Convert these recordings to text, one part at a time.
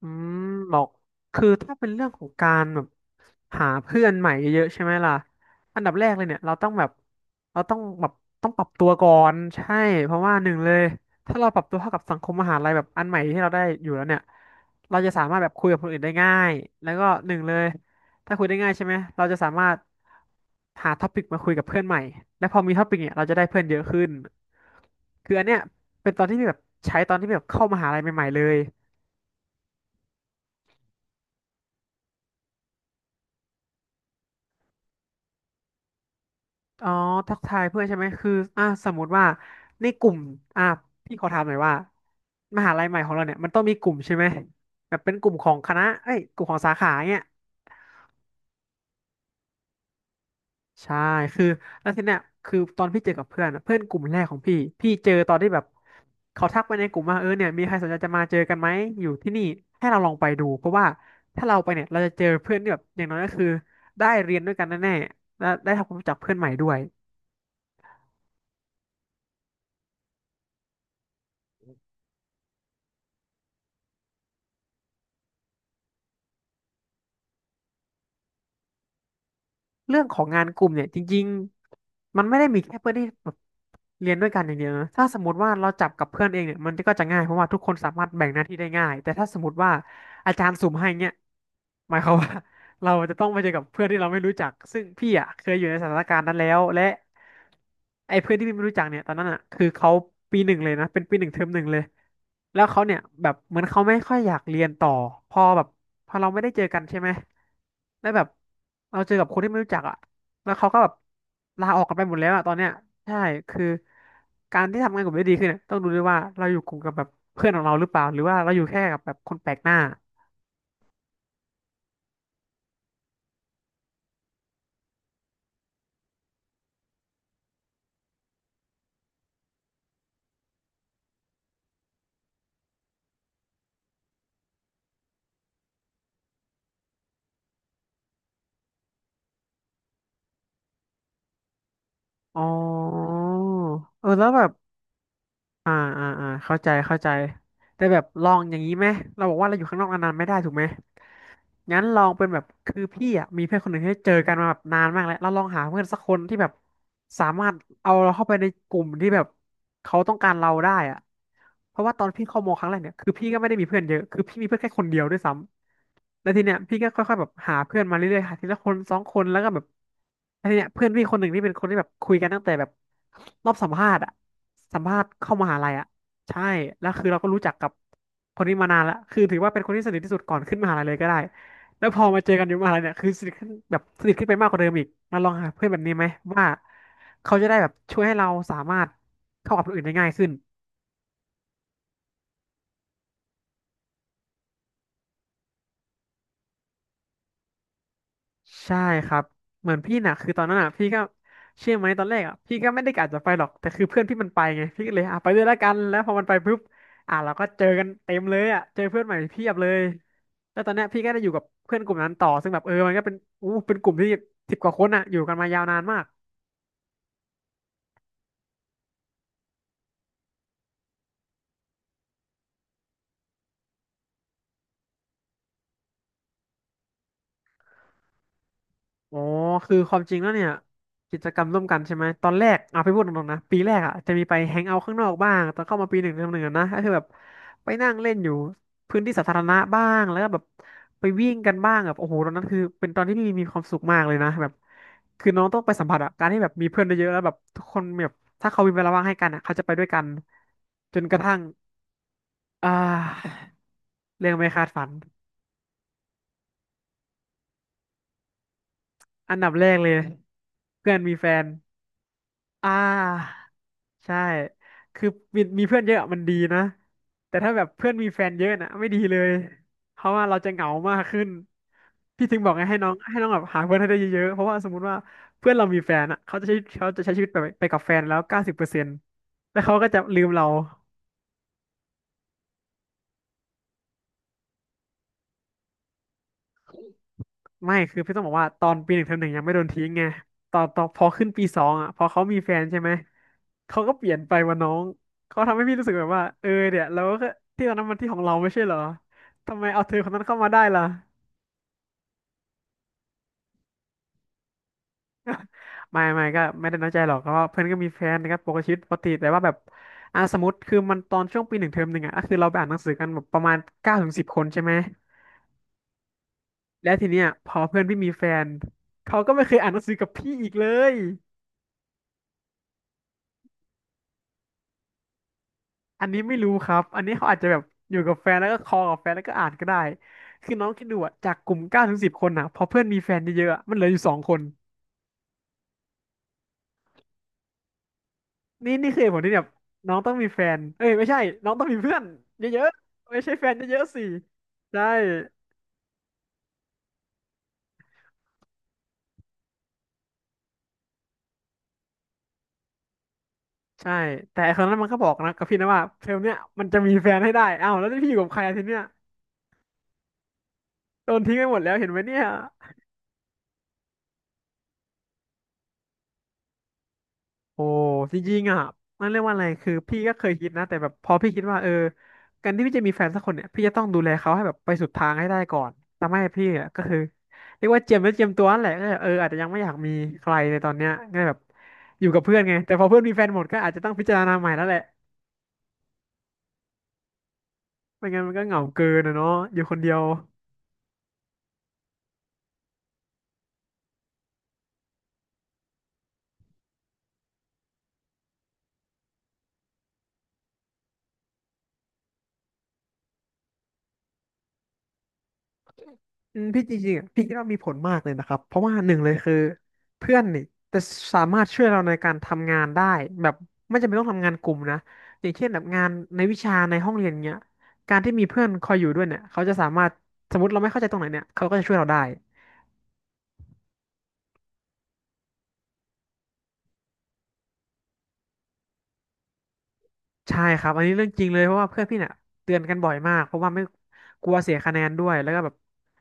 อืมบอกคือถ้าเป็นเรื่องของการแบบหาเพื่อนใหม่เยอะๆใช่ไหมล่ะอันดับแรกเลยเนี่ยเราต้องแบบเราต้องแบบต้องปรับตัวก่อนใช่เพราะว่าหนึ่งเลยถ้าเราปรับตัวเข้ากับสังคมมหาลัยแบบอันใหม่ที่เราได้อยู่แล้วเนี่ยเราจะสามารถแบบคุยกับคนอื่นได้ง่ายแล้วก็หนึ่งเลยถ้าคุยได้ง่ายใช่ไหมเราจะสามารถหาท็อปิกมาคุยกับเพื่อนใหม่และพอมีท็อปิกเนี่ยเราจะได้เพื่อนเยอะขึ้นคืออันเนี้ยเป็นตอนที่แบบใช้ตอนที่แบบเข้ามหาลัยใหม่ๆเลย อ๋อทักทายเพื่อนใช่ไหมคืออ่ะสมมติว่าในกลุ่มอ่ะพี่ขอถามหน่อยว่ามหาลัยใหม่ของเราเนี่ยมันต้องมีกลุ่มใช่ไหมแบบเป็นกลุ่มของคณะเอ้ยกลุ่มของสาขาเนี่ยใช่คือแล้วทีเนี้ยคือตอนพี่เจอกับเพื่อนอะเพื่อนกลุ่มแรกของพี่พี่เจอตอนที่แบบเขาทักไปในกลุ่มว่าเออเนี่ยมีใครสนใจจะมาเจอกันไหมอยู่ที่นี่ให้เราลองไปดูเพราะว่าถ้าเราไปเนี่ยเราจะเจอเพื่อนที่แบบอย่างน้อยก็คือได้เรียนด้วยกันแน่ๆและได้ทำความรู้จักเพื่อนใหม่ด้วย เรื่องของงานกลุ่มเนี่ยจริงๆมันไม่ได้มีแค่เพื่อนที่แบบเรียนด้วยกันอย่างเดียวนะถ้าสมมติว่าเราจับกับเพื่อนเองเนี่ยมันก็จะง่ายเพราะว่าทุกคนสามารถแบ่งหน้าที่ได้ง่ายแต่ถ้าสมมติว่าอาจารย์สุ่มให้เนี่ยหมายความว่า เราจะต้องไปเจอกับเพื่อนที่เราไม่รู้จักซึ่งพี่อ่ะเคยอยู่ในสถานการณ์นั้นแล้วและไอ้เพื่อนที่พี่ไม่รู้จักเนี่ยตอนนั้นอ่ะคือเขาปีหนึ่งเลยนะเป็นปีหนึ่งเทอมหนึ่งเลยแล้วเขาเนี่ยแบบเหมือนเขาไม่ค่อยอยากเรียนต่อพอแบบพอเราไม่ได้เจอกันใช่ไหมแล้วแบบเราเจอกับคนที่ไม่รู้จักอ่ะแล้วเขาก็แบบลาออกกันไปหมดแล้วอ่ะตอนเนี้ยใช่คือการที่ทำงานกลุ่มได้ดีขึ้นเนี่ยต้องดูด้วยว่าเราอยู่กลุ่มกับแบบเพื่อนของเราหรือเปล่าหรือว่าเราอยู่แค่กับแบบคนแปลกหน้าอ๋อเออแล้วแบบ อ่าเข้าใจเข้าใจ แต่แบบลองอย่างนี้ไหม เราบอกว่าเราอยู่ข้างนอกนานๆไม่ได้ถูกไหมงั้นลองเป็นแบบคือพี่อ่ะมีเพื่อนคนหนึ่งที่เจอกันมาแบบนานมากแล้วเราลองหาเพื่อนสักคนที่แบบสามารถเอาเราเข้าไปในกลุ่มที่แบบเขาต้องการเราได้อ่ะเพราะว่าตอนพี่เข้าโมอครั้งแรกเนี่ยคือพี่ก็ไม่ได้มีเพื่อนเยอะคือพี่มีเพื่อนแค่คนเดียวด้วยซ้ำแล้วทีเนี้ยพี่ก็ค่อยๆแบบหาเพื่อนมาเรื่อยๆหาทีละคนสองคนแล้วก็แบบแล้วทีเนี้ยเพื่อนพี่คนหนึ่งที่เป็นคนที่แบบคุยกันตั้งแต่แบบรอบสัมภาษณ์อ่ะสัมภาษณ์เข้ามหาลัยอ่ะ ใช่แล้วคือเราก็รู้จักกับคนนี้มานานแล้วคือถือว่าเป็นคนที่สนิทที่สุดก่อนขึ้นมหาลัยเลยก็ได้แล้วพอมาเจอกันอยู่มหาลัยเนี่ยคือสนิทขึ้นแบบสนิทขึ้นไปมากกว่าเดิมอีกมาลองหาเพื่อนแบบนี้ไหมว่าเขาจะได้แบบช่วยให้เราสามารถเข้ากับคนอื่นได้ง่ายขึ้น ใช่ครับเหมือนพี่น่ะคือตอนนั้นอ่ะพี่ก็เชื่อไหมตอนแรกอ่ะพี่ก็ไม่ได้กะจะไปหรอกแต่คือเพื่อนพี่มันไปไงพี่ก็เลยอ่ะไปด้วยแล้วกันแล้วพอมันไปปุ๊บอ่ะเราก็เจอกันเต็มเลยอ่ะเจอเพื่อนใหม่เพียบเลยแล้วตอนเนี้ยพี่ก็ได้อยู่กับเพื่อนกลุ่มนั้นต่อซึ่งแบบเออมันก็เป็นอู้เป็นกลุ่มที่สิบกว่าคนอ่ะอยู่กันมายาวนานมาก อ๋อคือความจริงแล้วเนี่ยกิจกรรมร่วมกันใช่ไหมตอนแรกเอาไปพูดตรงๆนะปีแรกอ่ะจะมีไปแฮงเอาท์ข้างนอกบ้างตอนเข้ามาปีหนึ่งเทอมหนึ่งอะนะก็คือแบบไปนั่งเล่นอยู่พื้นที่สาธารณะบ้างแล้วก็แบบไปวิ่งกันบ้างแบบโอ้โหตอนนั้นคือเป็นตอนที่พี่มีความสุขมากเลยนะแบบคือน้องต้องไปสัมผัสอะการที่แบบมีเพื่อนเยอะๆแล้วแบบทุกคนแบบถ้าเขามีเวลาว่างให้กันอะเขาจะไปด้วยกันจนกระทั่งอ่าเรื่องไม่คาดฝันอันดับแรกเลยเพื่อนมีแฟนอ่า ใช่ คือมีเพื่อนเยอะมันดีนะแต่ถ้าแบบเพื่อนมีแฟนเยอะนะไม่ดีเลยเพราะว่าเราจะเหงามากขึ้นพี่ถึงบอกไงให้น้องแบบหาเพื่อนให้ได้เยอะๆเพราะว่าสมมติว่าเพื่อนเรามีแฟนอ่ะเขาจะใช้ชีวิตไปกับแฟนแล้ว90%แล้วเขาก็จะลืมเราไม่คือพี่ต้องบอกว่าตอนปีหนึ่งเทอมหนึ่งยังไม่โดนทิ้งไงตอนพอขึ้นปีสองอ่ะพอเขามีแฟนใช่ไหม เขาก็เปลี่ยนไปว่าน้องเขาทำให้พี่รู้สึกแบบว่าเออเนี่ยเราก็ที่ตอนนั้นมันที่ของเราไม่ใช่เหรอทำไมเอาเธอคนนั้นเข้ามาได้ล่ะไม่ไม่ก็ไม่ได้น้อยใจหรอกเพราะว่าเพื่อนก็มีแฟนนะครับปกติชีวิตปกติแต่ว่าแบบอ่ะสมมติคือมันตอนช่วงปีหนึ่งเทอมหนึ่งอ่ะก็คือเราไปอ่านหนังสือกันแบบประมาณเก้าถึงสิบคนใช่ไหมแล้วทีเนี้ยพอเพื่อนพี่มีแฟนเขาก็ไม่เคยอ่านหนังสือกับพี่อีกเลย อันนี้ไม่รู้ครับ อันนี้เขาอาจจะแบบอยู่กับแฟนแล้วก็คอลกับแฟนแล้วก็อ่านก็ได้คือน้องคิดดูอะจากกลุ่มเก้าถึงสิบคนอะพอเพื่อนมีแฟนเยอะๆอะมันเหลืออยู่2 คนนี่คือเหตุผลที่แบบน้องต้องมีแฟนเอ้ยไม่ใช่น้องต้องมีเพื่อนเยอะๆไม่ใช่แฟนเยอะๆสิใช่ใช่แต่ไอ้คนนั้นมันก็บอกนะกับพี่นะว่าเทอมเนี้ยมันจะมีแฟนให้ได้อ้าวแล้วที่พี่อยู่กับใครอาทีเนี้ยโดนทิ้งไปหมดแล้วเห็นไหมเนี่ย โอ้จริงๆอ่ะนั่นเรียกว่าอะไรคือพี่ก็เคยคิดนะแต่แบบพอพี่คิดว่าเออการที่พี่จะมีแฟนสักคนเนี่ยพี่จะต้องดูแลเขาให้แบบไปสุดทางให้ได้ก่อนทำให้พี่อ่ะก็คือเรียกว่าเจียมแล้วเจียมตัวนั่นแหละก็เลยเอออาจจะยังไม่อยากมีใครในตอนเนี้ยก็เลยแบบอยู่กับเพื่อนไงแต่พอเพื่อนมีแฟนหมดก็อาจจะต้องพิจารณาใหม่แล้วแหละไม่งั้นมันก็เหงาเกินนะเนาะอยู่คนเดียว อืมพี่จริงๆอ่ะพี่คิดว่ามีผลมากเลยนะครับเพราะว่าหนึ่งเลยคือเพื่อนนี่จะสามารถช่วยเราในการทำงานได้แบบไม่จำเป็นต้องทำงานกลุ่มนะอย่างเช่นแบบงานในวิชาในห้องเรียนเนี้ยการที่มีเพื่อนคอยอยู่ด้วยเนี่ยเขาจะสามารถสมมติเราไม่เข้าใจตรงไหนเนี่ยเขาก็จะช่วยเราได้ใช่ครับอันนี้เรื่องจริงเลยเพราะว่าเพื่อนพี่เนี่ยเตือนกันบ่อยมากเพราะว่าไม่กลัวเสียคะแนนด้วยแล้วก็แบบ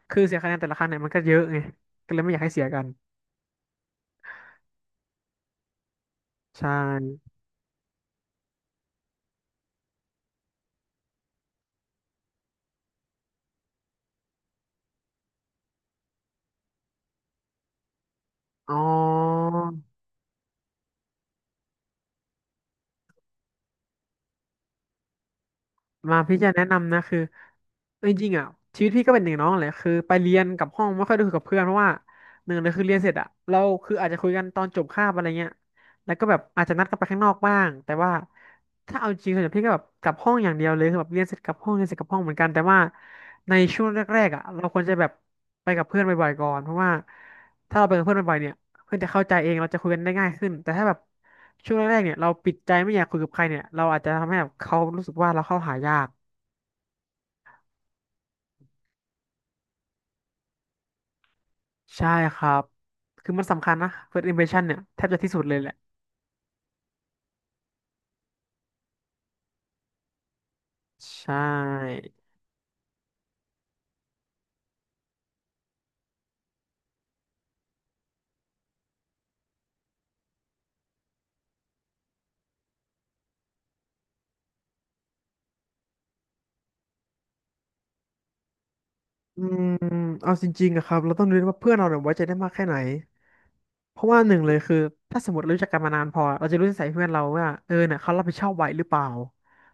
คือเสียคะแนนแต่ละครั้งเนี่ยมันก็เยอะไงก็เลยไม่อยากให้เสียกันใช่อ๋อ มาพี่จะแนะนำนะคือเอาจริงๆอ่ะชีวิตพี่ก็เป็นหนึ่งน้องแหละคือไปเรียนกับห้องไม่ค่อยได้คุยกับเพื่อนเพราะว่าหนึ่งเลยคือเรียนเสร็จอ่ะเราคืออาจจะคุยกันตอนจบคาบอะไรเงี้ยแล้วก็แบบอาจจะนัดกันไปข้างนอกบ้างแต่ว่าถ้าเอาจริงส่วนใหญ่พี่ก็แบบกลับห้องอย่างเดียวเลยคือแบบเรียนเสร็จกลับห้องเรียนเสร็จกลับห้องเหมือนกันแต่ว่าในช่วงแรกๆอ่ะเราควรจะแบบไปกับเพื่อนบ่อยๆก่อนเพราะว่าถ้าเราไปกับเพื่อนบ่อยๆเนี่ยเพื่อนจะเข้าใจเองเราจะคุยกันได้ง่ายขึ้นแต่ถ้าแบบ ช่วงแรกๆเนี่ยเราปิดใจไม่อยากคุยกับใครเนี่ยเราอาจจะทำให้แบบเขารู้สึกว่าเราเข้าหายากใช่ครับคือมันสำคัญนะ first impression เนี่ยแทบจะที่สุดเลยแหละใช่ อืมเอาจริงๆอะครับเราต้องดูด้วยว่าเพื่อนเราเนี่ยไว้ใจได้มากแค่ไหนเพราะว่าหนึ่งเลยคือถ้าสมมติรู้จักกันมานานพอเราจะรู้นิสัยเพื่อนเราว่าเออเนี่ยเขารับผิดชอบไหวหรือเปล่า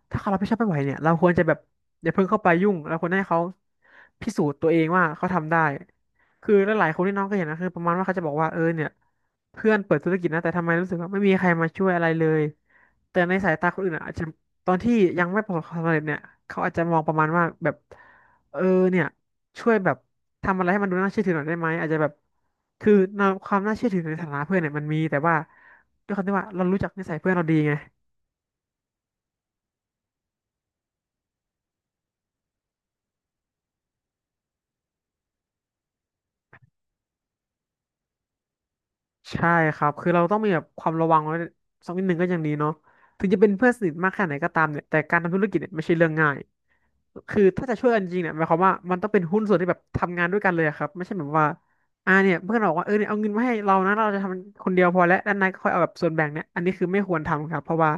ถ้าเขารับผิดชอบไม่ไหวเนี่ยเราควรจะแบบอย่าเพิ่งเข้าไปยุ่งเราควรให้เขาพิสูจน์ตัวเองว่าเขาทำได้คือหลายๆคนที่น้องก็เห็นนะคือประมาณว่าเขาจะบอกว่าเออเนี่ยเพื่อนเปิดธุรกิจนะแต่ทำไมรู้สึกว่าไม่มีใครมาช่วยอะไรเลยแต่ในสายตาคนอื่นอะอาจจะตอนที่ยังไม่ประสบความสำเร็จเนี่ยเขาอาจจะมองประมาณว่าแบบเออเนี่ย ช่วยแบบทำอะไรให้มันดูน่าเชื่อถือหน่อยได้ไหมอาจจะแบบคือในความน่าเชื่อถือในฐานะเพื่อนเนี่ยมันมีแต่ว่าด้วยความที่ว่าเรารู้จักนิสัยเพื่อนเราดีไงใช่ครับคือเราต้องมีแบบความระวังไว้สักนิดหนึ่งก็ยังดีเนาะถึงจะเป็นเพื่อนสนิทมากแค่ไหนก็ตามเนี่ยแต่การทำธุรกิจเนี่ยไม่ใช่เรื่องง่าย คือถ้าจะช่วยกันจริงเนี่ยหมายความว่ามันต้องเป็นหุ้นส่วนที่แบบทำงานด้วยกันเลยอะครับไม่ใช่แบบว่าอ่าเนี่ยเพื่อนบอกว่าเออเนี่ยเอาเงินมาให้เรานะเราจะทำคนเดียวพอแล้วด้านในก็ค่อยเอาแบบส่วนแบ่งเนี่ยอันนี้คือไม่ควรทำครับเพราะว่า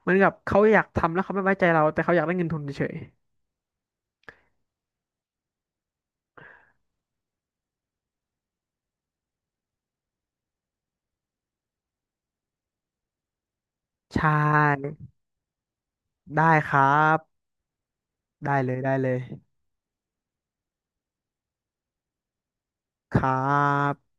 เหมือนกับเขาอยากทำแล้วเขาไม่ไว้ใจเราแต่เขาอยากได้เงินทุนเฉยๆใช่ได้ครับได้เลยได้เลยครับ